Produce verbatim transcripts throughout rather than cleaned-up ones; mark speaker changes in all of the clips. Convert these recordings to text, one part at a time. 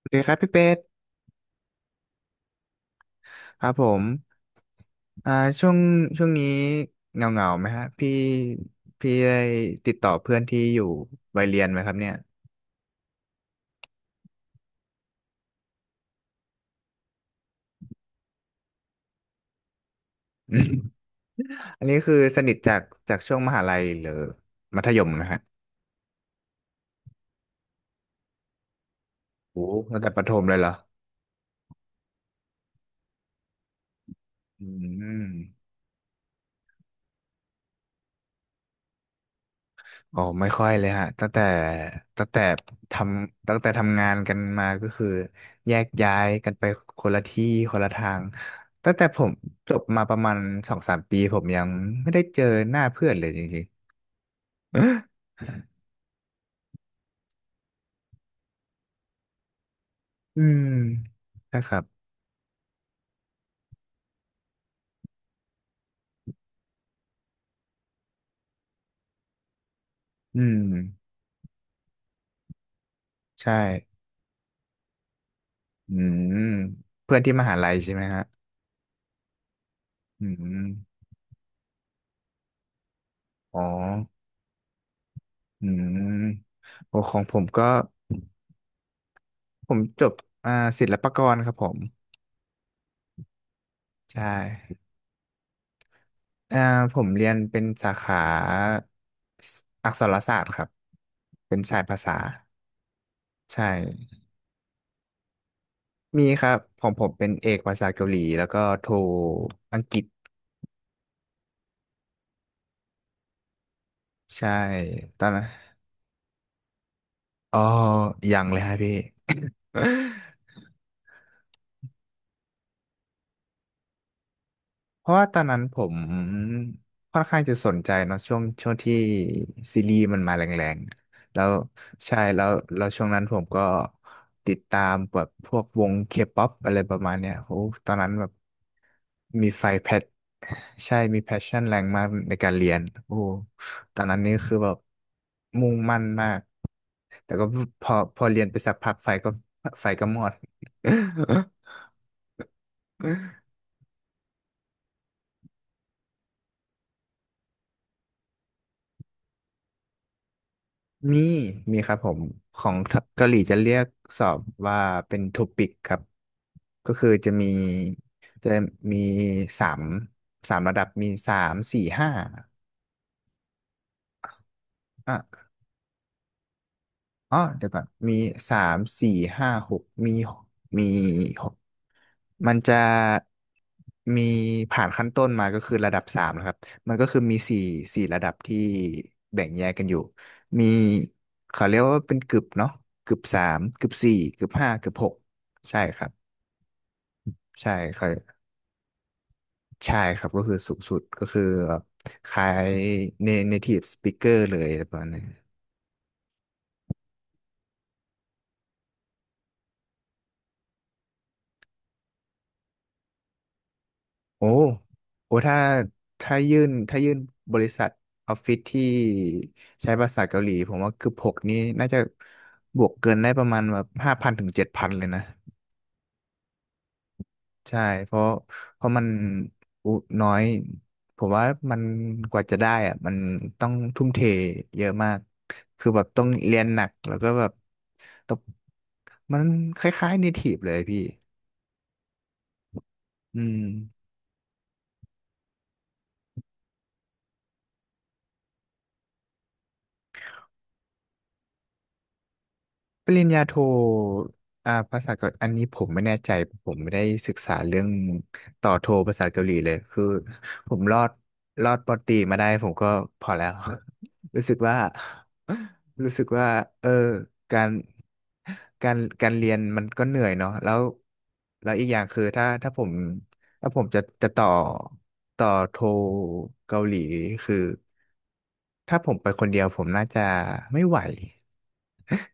Speaker 1: สวัสดีครับพี่เป็ดครับผมอ่าช่วงช่วงนี้เงาเงาไหมฮะพี่พี่ได้ติดต่อเพื่อนที่อยู่วัยเรียนไหมครับเนี่ยอันนี้คือสนิทจากจากช่วงมหาลัยหรือมัธยมนะฮะโอ้ตั้งแต่ประถมเลยเหรออืม โอ้ไม่ค่อยเลยฮะตั้งแต่ตั้งแต่ทำตั้งแต่ทำงานกันมาก็คือแยกย้ายกันไปคนละที่คนละทางตั้งแต่ผมจบมาประมาณสองสามปีผมยังไม่ได้เจอหน้าเพื่อนเลยจริงๆ อืมใช่ครับอืมใช่อืมเพื่อนที่มหาลัยใช่ไหมฮะอืมอ๋ออืมโอของผมก็ผมจบอ่าศิลปากรครับผมใช่ อ่าผมเรียนเป็นสาขาอักษรศาสตร์ครับเป็นสายภาษาใช่มีครับของผมเป็นเอกภาษาเกาหลีแล้วก็โทอังกฤษใช่ตอนนั้นอ๋อยังเลยฮะพี่ เพราะว่าตอนนั้นผมค่อนข้างจะสนใจเนาะช่วงช่วงที่ซีรีส์มันมาแรงๆแล้วใช่แล้วแล้วช่วงนั้นผมก็ติดตามแบบพวกวงเคป๊อปอะไรประมาณเนี้ยโอ้ตอนนั้นแบบมีไฟแพชใช่มีแพชชั่นแรงมากในการเรียนโอ้ตอนนั้นนี่คือแบบมุ่งมั่นมากแต่ก็พอพอเรียนไปสักพักไฟก็ไฟก็มอด มี มีครับผมของเกาหลีจะเรียกสอบว่าเป็นทูปิกครับ ก็คือจะมี จะมีสามสามระดับมีสามสี่ห้า อ๋อเดี๋ยวก่อนมีสามสี่ห้าหกมีหกมีหกมันจะมีผ่านขั้นต้นมาก็คือระดับสามนะครับมันก็คือมีสี่สี่ระดับที่แบ่งแยกกันอยู่มีเขาเรียกว่าเป็นกึบเนาะกึบสามกึบสี่กึบห้ากึบหกใช่ครับใช่ครับใช่ครับก็คือสูงสุดก็คือแบบคล้าย native speaker เลยประมาณนั้น โอ้โอ้ถ้าถ้ายื่นถ้ายื่นบริษัทออฟฟิศที่ใช้ภาษาเกาหลีผมว่าเกือบหกนี้น่าจะบวกเกินได้ประมาณแบบห้าพันถึงเจ็ดพันเลยนะใช่เพราะเพราะมันอุน้อยผมว่ามันกว่าจะได้อะมันต้องทุ่มเทเยอะมากคือแบบต้องเรียนหนักแล้วก็แบบต้องมันคล้ายๆ native เลยพี่อืม ปริญญาโทอ่าภาษาเกาหลีอันนี้ผมไม่แน่ใจผมไม่ได้ศึกษาเรื่องต่อโทภาษาเกาหลีเลยคือผมรอดรอดปอตรีมาได้ผมก็พอแล้ว รู้สึกว่า รู้สึกว่าเออการการการเรียนมันก็เหนื่อยเนาะแล้วแล้วอีกอย่างคือถ้าถ้าผมถ้าผมจะจะต่อต่อโทเกาหลีคือถ้าผมไปคนเดียวผมน่าจะไม่ไหว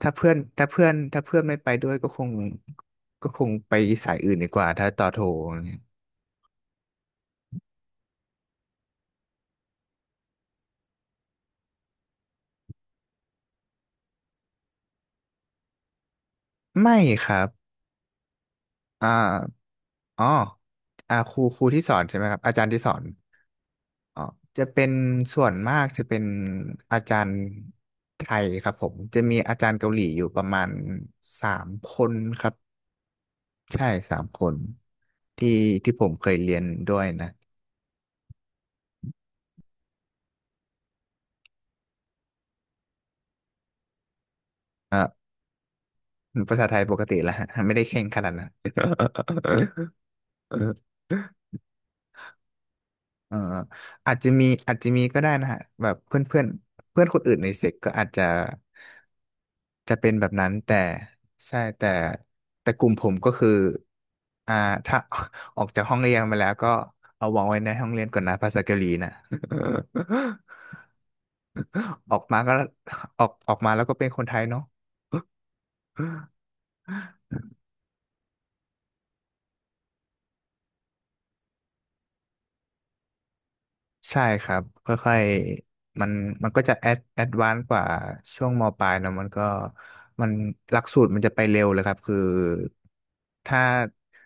Speaker 1: ถ้าเพื่อนถ้าเพื่อนถ้าเพื่อนไม่ไปด้วยก็คงก็คงไปสายอื่นดีกว่าถ้าต่อโทรอะไรเงียไม่ครับอ่าอ๋ออ่าครูครูที่สอนใช่ไหมครับอาจารย์ที่สอนอ๋อจะเป็นส่วนมากจะเป็นอาจารย์ไทยครับผมจะมีอาจารย์เกาหลีอยู่ประมาณสามคนครับใช่สามคนที่ที่ผมเคยเรียนด้วยนะภาษาไทยปกติแล้วฮะไม่ได้เข่งขนาดนั้น เอออาจจะมีอาจจะมีก็ได้นะฮะแบบเพื่อนเพื่อนเพื่อนคนอื่นในเซกก็อาจจะจะเป็นแบบนั้นแต่ใช่แต่แต่กลุ่มผมก็คืออ่าถ้า ออกจากห้องเรียนมาแล้วก็เอาวางไว้ในห้องเรียนก่อนนะภาษาเกาหลีนะ ออกมาก็ออกออกมาแล้วก็เป็นคนไทยเนาะ ใช่ครับค่อยๆมันมันก็จะแอดแอดวานซ์กว่าช่วงมปลายเนอะมันก็มันหลักสูตรมันจะไปเร็วเลยครับคือถ้า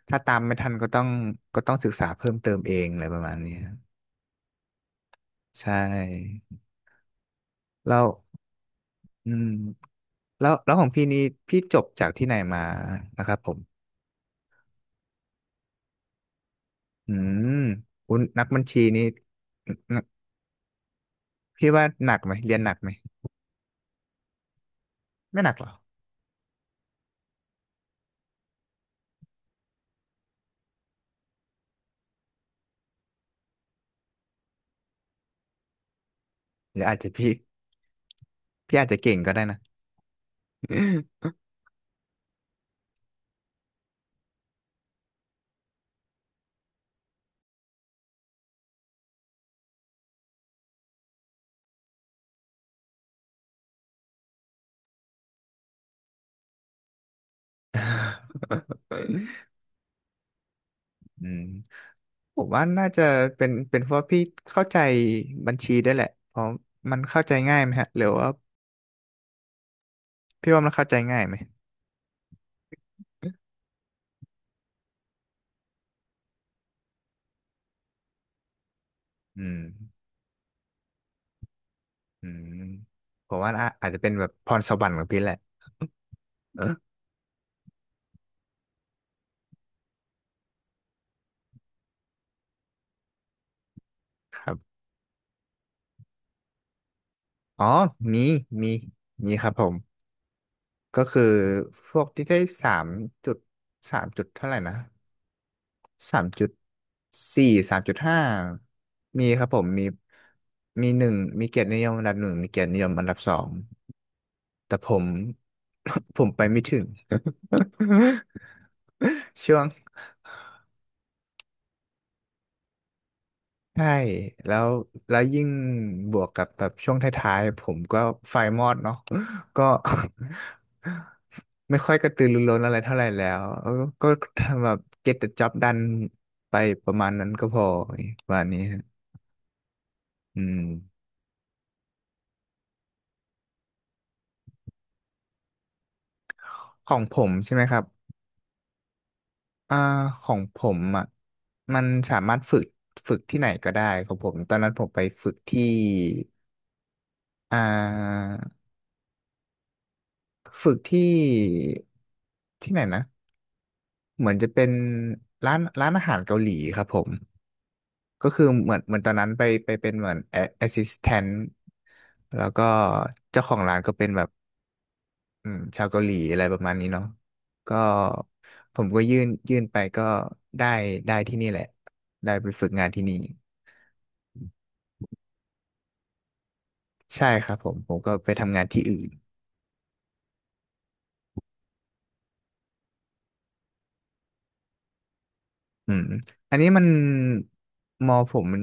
Speaker 1: ถ้าตามไม่ทันก็ต้องก็ต้องศึกษาเพิ่มเติมเองอะไรประมาณนี้ครับใช่แล้วอืมแล้วแล้วของพี่นี่พี่จบจากที่ไหนมานะครับผมอืมอุยนักบัญชีนี่นพี่ว่าหนักไหมเรียนหนักไหมไม่หนักหรอหรืออาจจะพี่พี่อาจจะเก่งก็ได้นะ อืม ผมว่าน่าจะเป็นเป็นเพราะพี่เข้าใจบัญชีได้วยแหละเพราะมันเข้าใจง่ายไหมฮะหรือว่าพี่ว่ามันเข้าใจง่ายไหมอืมอืมผมว่าอาอาจจะเป็นแบบพรสวรรค์ของพี่แหละเออครับอ๋อมีมีมีครับผมก็คือพวกที่ได้สามจุดสามจุดเท่าไหร่นะสามจุดสี่สามจุดห้ามีครับผมมีมีหนึ่งมีเกียรตินิยมอันดับหนึ่งมีเกียรตินิยมอันดับสอง แต่ผม ผมไปไม่ถึง ช่วงใช่แล้วแล้วยิ่งบวกกับแบบช่วงท้ายๆผมก็ไฟมอดเนาะก็ ไม่ค่อยกระตือรือร้นอะไรเท่าไหร่แล้วเออก็ทำแบบ get the job done ไปประมาณนั้นก็พอประมาณนี้ฮะอืมของผมใช่ไหมครับอ่าของผมอ่ะมันสามารถฝึกฝึกที่ไหนก็ได้ของผมตอนนั้นผมไปฝึกที่ อ่าฝึกที่ที่ไหนนะเหมือนจะเป็นร้านร้านอาหารเกาหลีครับผมก็คือเหมือนเหมือนตอนนั้นไปไปเป็นเหมือนแอสซิสแตนต์แล้วก็เจ้าของร้านก็เป็นแบบอืมชาวเกาหลีอะไรประมาณนี้เนาะก็ผมก็ยื่นยื่นไปก็ได้ได้ที่นี่แหละได้ไปฝึกงานที่นี่ใช่ครับผมผมก็ไปทำงานที่อื่น อืมอันนี้มันมอผมมัน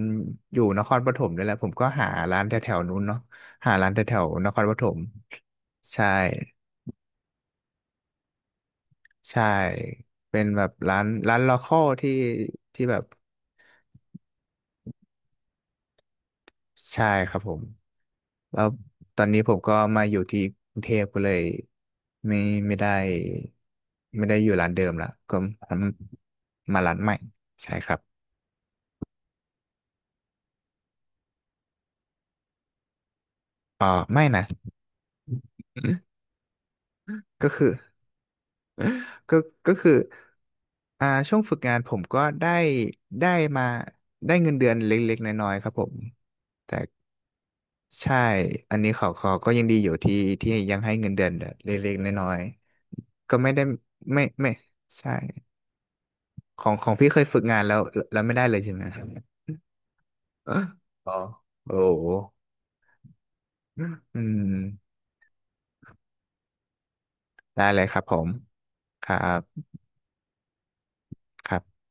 Speaker 1: อยู่นครปฐมด้วยแหละผมก็หาร้านแถวๆนู้นเนาะหาร้านแถวๆนครปฐมใช่ใช่เป็นแบบร้านร้านลอคอลที่ที่แบบใช่ครับผมแล้วตอนนี้ผมก็มาอยู่ที่กรุงเทพก็เลยไม่ไม่ได้ไม่ได้อยู่ร้านเดิมละก็มาร้านใหม่ใช่ครับอ่าไม่นะก็คือ ก็ก็คืออ่าช่วงฝึกงานผมก็ได้ได้มาได้เงินเดือนเล็กๆน้อยๆครับผมแต่ใช่อันนี้เขาเขาก็ยังดีอยู่ที่ที่ยังให้เงินเดือนเล็กๆน้อยๆก็ไม่ได้ไม่ไม่ใช่ของของพี่เคยฝึกงานแล้วแล้วไม่ได้เลยใช่ไหมครับอ๋อโอ้โหอืมได้เลยครับผมครับครับ